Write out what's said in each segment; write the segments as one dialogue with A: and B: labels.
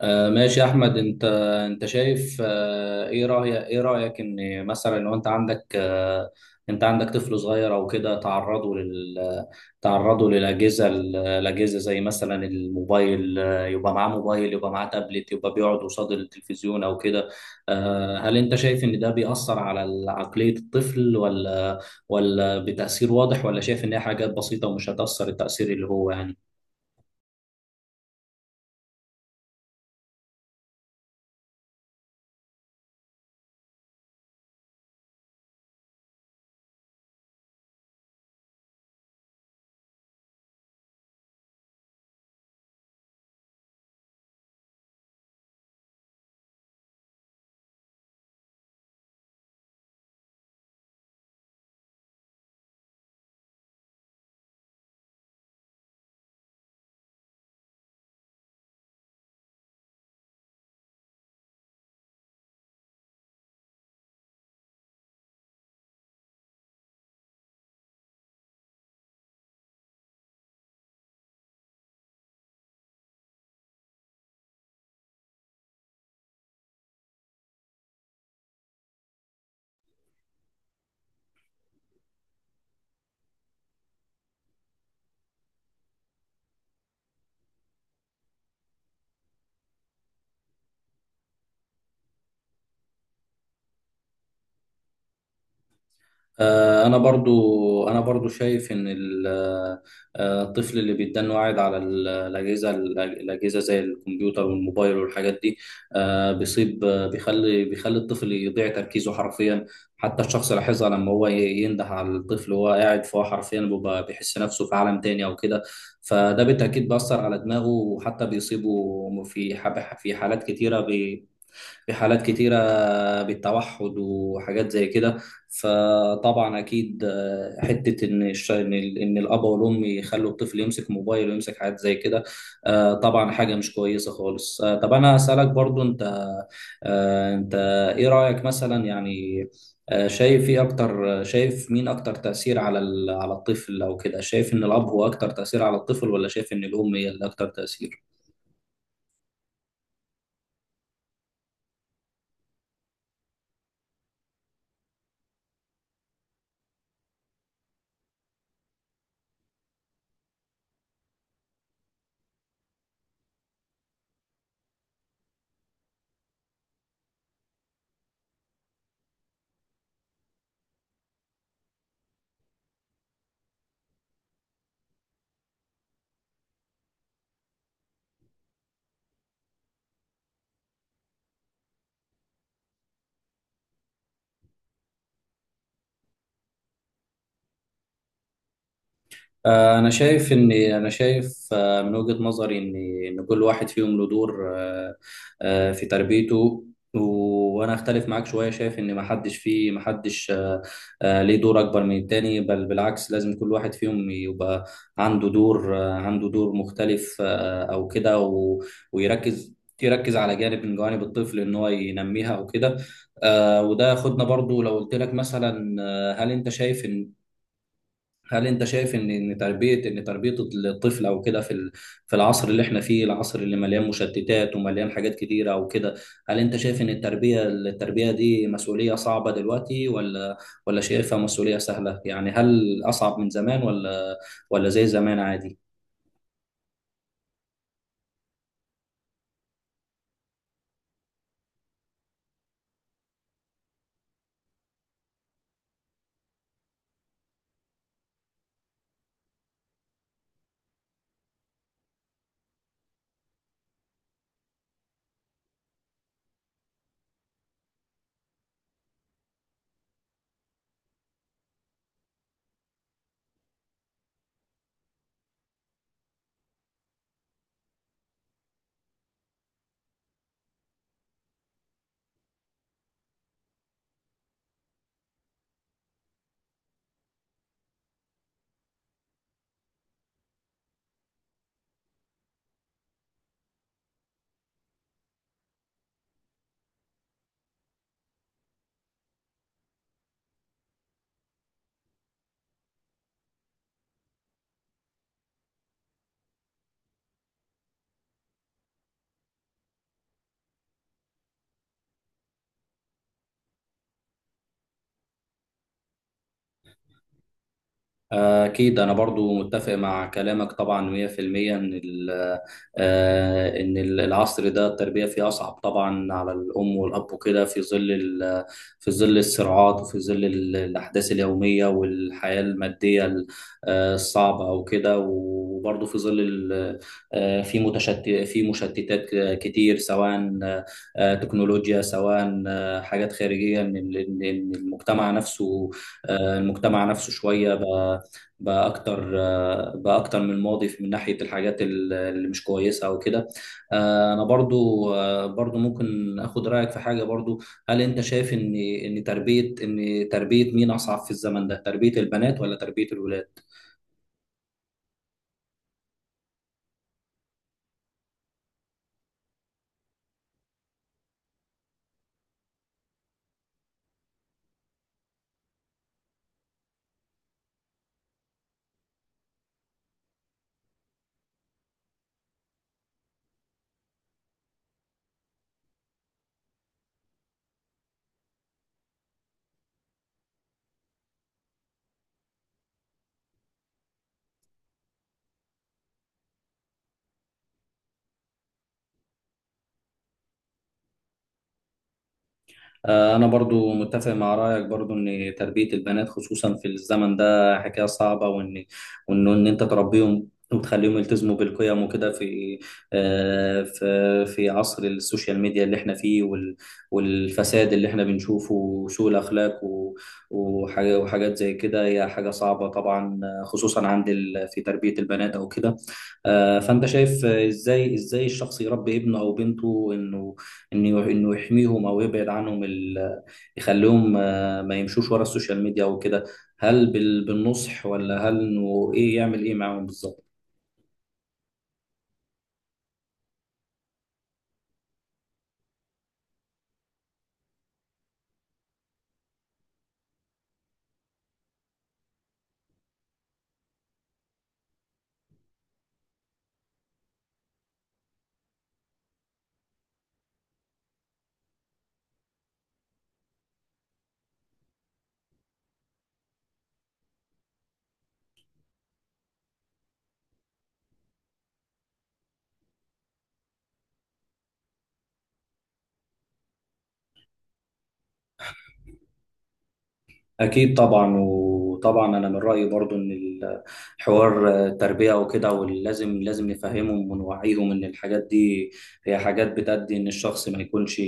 A: ماشي يا احمد، انت شايف، ايه رايك ان مثلا لو انت عندك، انت عندك طفل صغير او كده، تعرضه تعرضه للاجهزه زي مثلا الموبايل، يبقى معاه موبايل، يبقى معاه تابلت، يبقى بيقعد قصاد التلفزيون او كده. هل انت شايف ان ده بيأثر على عقليه الطفل؟ ولا بتأثير واضح؟ ولا شايف ان هي حاجات بسيطه ومش هتأثر التأثير اللي هو يعني. انا برضو شايف ان الطفل اللي بيتدن واعد على الاجهزه زي الكمبيوتر والموبايل والحاجات دي، بيصيب آه، بيخلي الطفل يضيع تركيزه حرفيا. حتى الشخص لاحظها، لما هو ينده على الطفل وهو قاعد، فهو حرفيا بيبقى بيحس نفسه في عالم تاني او كده. فده بالتاكيد بيأثر على دماغه، وحتى بيصيبه في في حالات كتيره في حالات كتيرة بالتوحد وحاجات زي كده. فطبعا أكيد، حتة إن إن الأب والأم يخلوا الطفل يمسك موبايل ويمسك حاجات زي كده، طبعا حاجة مش كويسة خالص. طب أنا أسألك برضو، أنت، إيه رأيك مثلا يعني؟ شايف مين اكتر تأثير على على الطفل او كده؟ شايف ان الاب هو اكتر تأثير على الطفل؟ ولا شايف ان الام هي اللي اكتر تأثير؟ أنا شايف، من وجهة نظري، إن كل واحد فيهم له دور، في تربيته. وأنا أختلف معاك شوية، شايف إن محدش، ليه دور أكبر من التاني، بل بالعكس، لازم كل واحد فيهم يبقى عنده دور مختلف، أو كده، ويركز يركز على جانب من جوانب الطفل إن هو ينميها أو كده. وده ياخدنا برضو، لو قلت لك مثلا، هل انت شايف ان ان تربيه الطفل او كده في في العصر اللي احنا فيه، العصر اللي مليان مشتتات ومليان حاجات كتيره او كده، هل انت شايف ان التربيه دي مسؤوليه صعبه دلوقتي؟ ولا شايفها مسؤوليه سهله يعني؟ هل اصعب من زمان؟ ولا زي زمان عادي؟ أكيد، أنا برضو متفق مع كلامك طبعا 100%. إن ال- العصر ده التربية فيه أصعب طبعا على الأم والأب وكده، في ظل في ظل الصراعات، وفي ظل الأحداث اليومية والحياة المادية الصعبة وكده، وبرضو في ظل في مشتتات كتير، سواء تكنولوجيا، سواء حاجات خارجية من المجتمع نفسه. المجتمع نفسه شوية بقى اكتر من الماضي من ناحيه الحاجات اللي مش كويسه او كده. انا برضو آه، برضو ممكن اخد رايك في حاجه برضو. هل انت شايف ان ان تربيه مين اصعب في الزمن ده؟ تربيه البنات ولا تربيه الولاد؟ أنا برضو متفق مع رأيك برضو إن تربية البنات خصوصا في الزمن ده حكاية صعبة، وإن وإن إن أنت تربيهم وتخليهم يلتزموا بالقيم وكده، في في عصر السوشيال ميديا اللي احنا فيه، والفساد اللي احنا بنشوفه وسوء الأخلاق وحاجة- وحاجات زي كده، هي حاجة صعبة طبعا، خصوصا في تربية البنات أو كده. فأنت شايف، إزاي الشخص يربي ابنه أو بنته، إنه انه انه يحميهم او يبعد عنهم، يخليهم ما يمشوش ورا السوشيال ميديا وكده؟ هل بالنصح؟ ولا هل انه ايه يعمل ايه معاهم بالظبط؟ أكيد طبعا، وطبعا أنا من رأيي برضو إن الحوار تربية وكده، ولازم نفهمهم ونوعيهم إن الحاجات دي هي حاجات بتأدي إن الشخص ما يكونش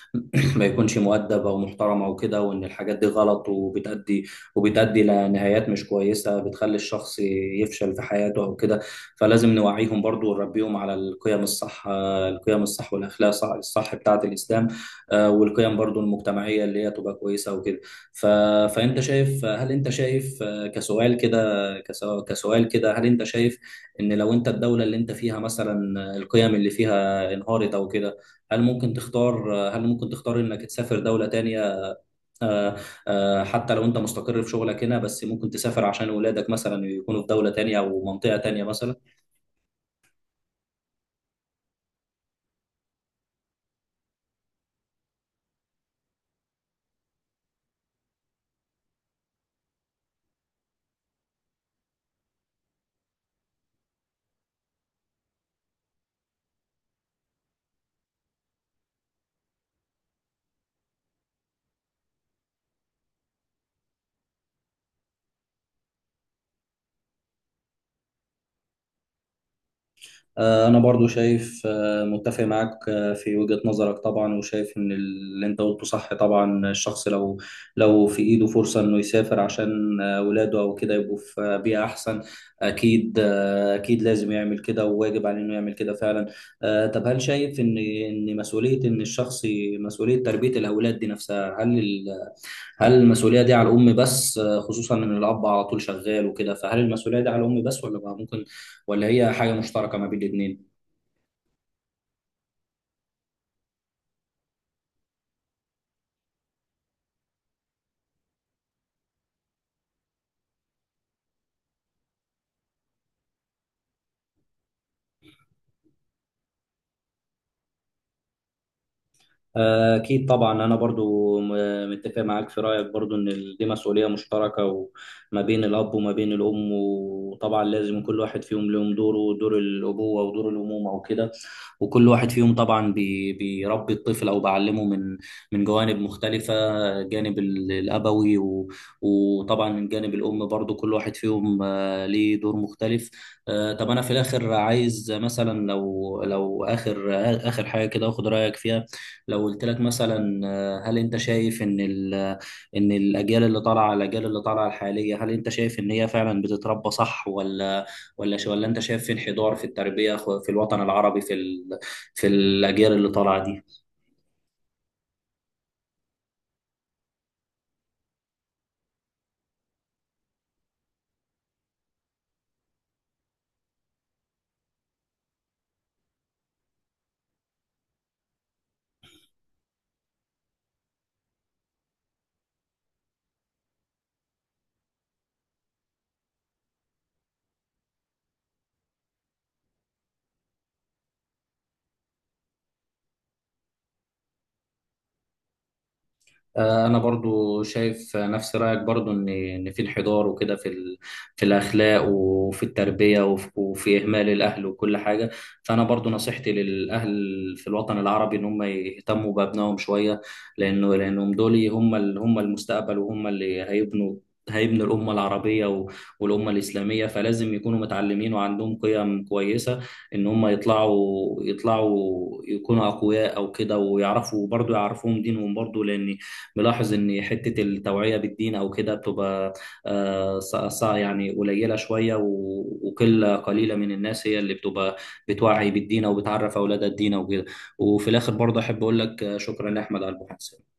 A: ما يكونش مؤدب أو محترم أو كده، وإن الحاجات دي غلط، وبتأدي لنهايات مش كويسة، بتخلي الشخص يفشل في حياته أو كده. فلازم نوعيهم برضو ونربيهم على القيم الصح والأخلاق الصح بتاعة الإسلام، والقيم برضو المجتمعية اللي هي تبقى كويسة وكده. ف... فانت شايف هل انت شايف كسؤال كده كسؤال كده، هل انت شايف ان لو انت الدولة اللي انت فيها مثلا، القيم اللي فيها انهارت او كده، هل ممكن تختار انك تسافر دولة تانية، آه، حتى لو انت مستقر في شغلك هنا، بس ممكن تسافر عشان ولادك مثلا يكونوا في دولة تانية او منطقة تانية مثلا؟ أنا برضو شايف آه، متفق معاك في وجهة نظرك طبعا، وشايف إن اللي أنت قلته صح. طبعا الشخص لو في إيده فرصة إنه يسافر عشان ولاده أو كده يبقوا في بيئة أحسن، أكيد. أكيد لازم يعمل كده، وواجب عليه إنه يعمل كده فعلا. طب هل شايف إن إن مسؤولية إن الشخص ي- مسؤولية تربية الأولاد دي نفسها، هل المسؤولية دي على الأم بس، خصوصا إن الأب على طول شغال وكده؟ فهل المسؤولية دي على الأم بس، ولا بقى ممكن ولا هي حاجة مشتركة ما بين الاتنين؟ أكيد طبعا، أنا برضو متفق معاك في رأيك برضو إن دي مسؤولية مشتركة وما بين الأب وما بين الأم. وطبعا لازم كل واحد فيهم لهم دوره، دور الأبوة ودور الأمومة وكده. وكل واحد فيهم طبعا بيربي الطفل أو بعلمه من جوانب مختلفة، جانب الأبوي، وطبعا من جانب الأم برضو، كل واحد فيهم ليه دور مختلف. طب أنا في الآخر عايز مثلا، لو آخر حاجة كده أخد رأيك فيها. لو قلت لك مثلا، هل انت شايف ان الاجيال اللي طالعه الحاليه، هل انت شايف ان هي فعلا بتتربى صح؟ ولا انت شايف في انحدار في التربيه في الوطن العربي في في الاجيال اللي طالعه دي؟ انا برضو شايف نفس رايك برضو، ان في انحدار وكده في في الاخلاق وفي التربيه وفي اهمال الاهل وكل حاجه. فانا برضو نصيحتي للاهل في الوطن العربي ان هم يهتموا بابنائهم شويه، لانهم دول هم هم المستقبل، وهم اللي هيبنوا الأمة العربية والأمة الإسلامية، فلازم يكونوا متعلمين وعندهم قيم كويسة، إن هم يطلعوا يكونوا أقوياء أو كده، ويعرفوا برضو يعرفوهم دينهم برضو، لأن ملاحظ ان حته التوعيه بالدين او كده بتبقى يعني قليله شويه، قليله من الناس هي اللي بتبقى بتوعي بالدين او بتعرف اولادها الدين او كده. وفي الاخر برضه احب اقول لك شكرا يا احمد على المحادثه.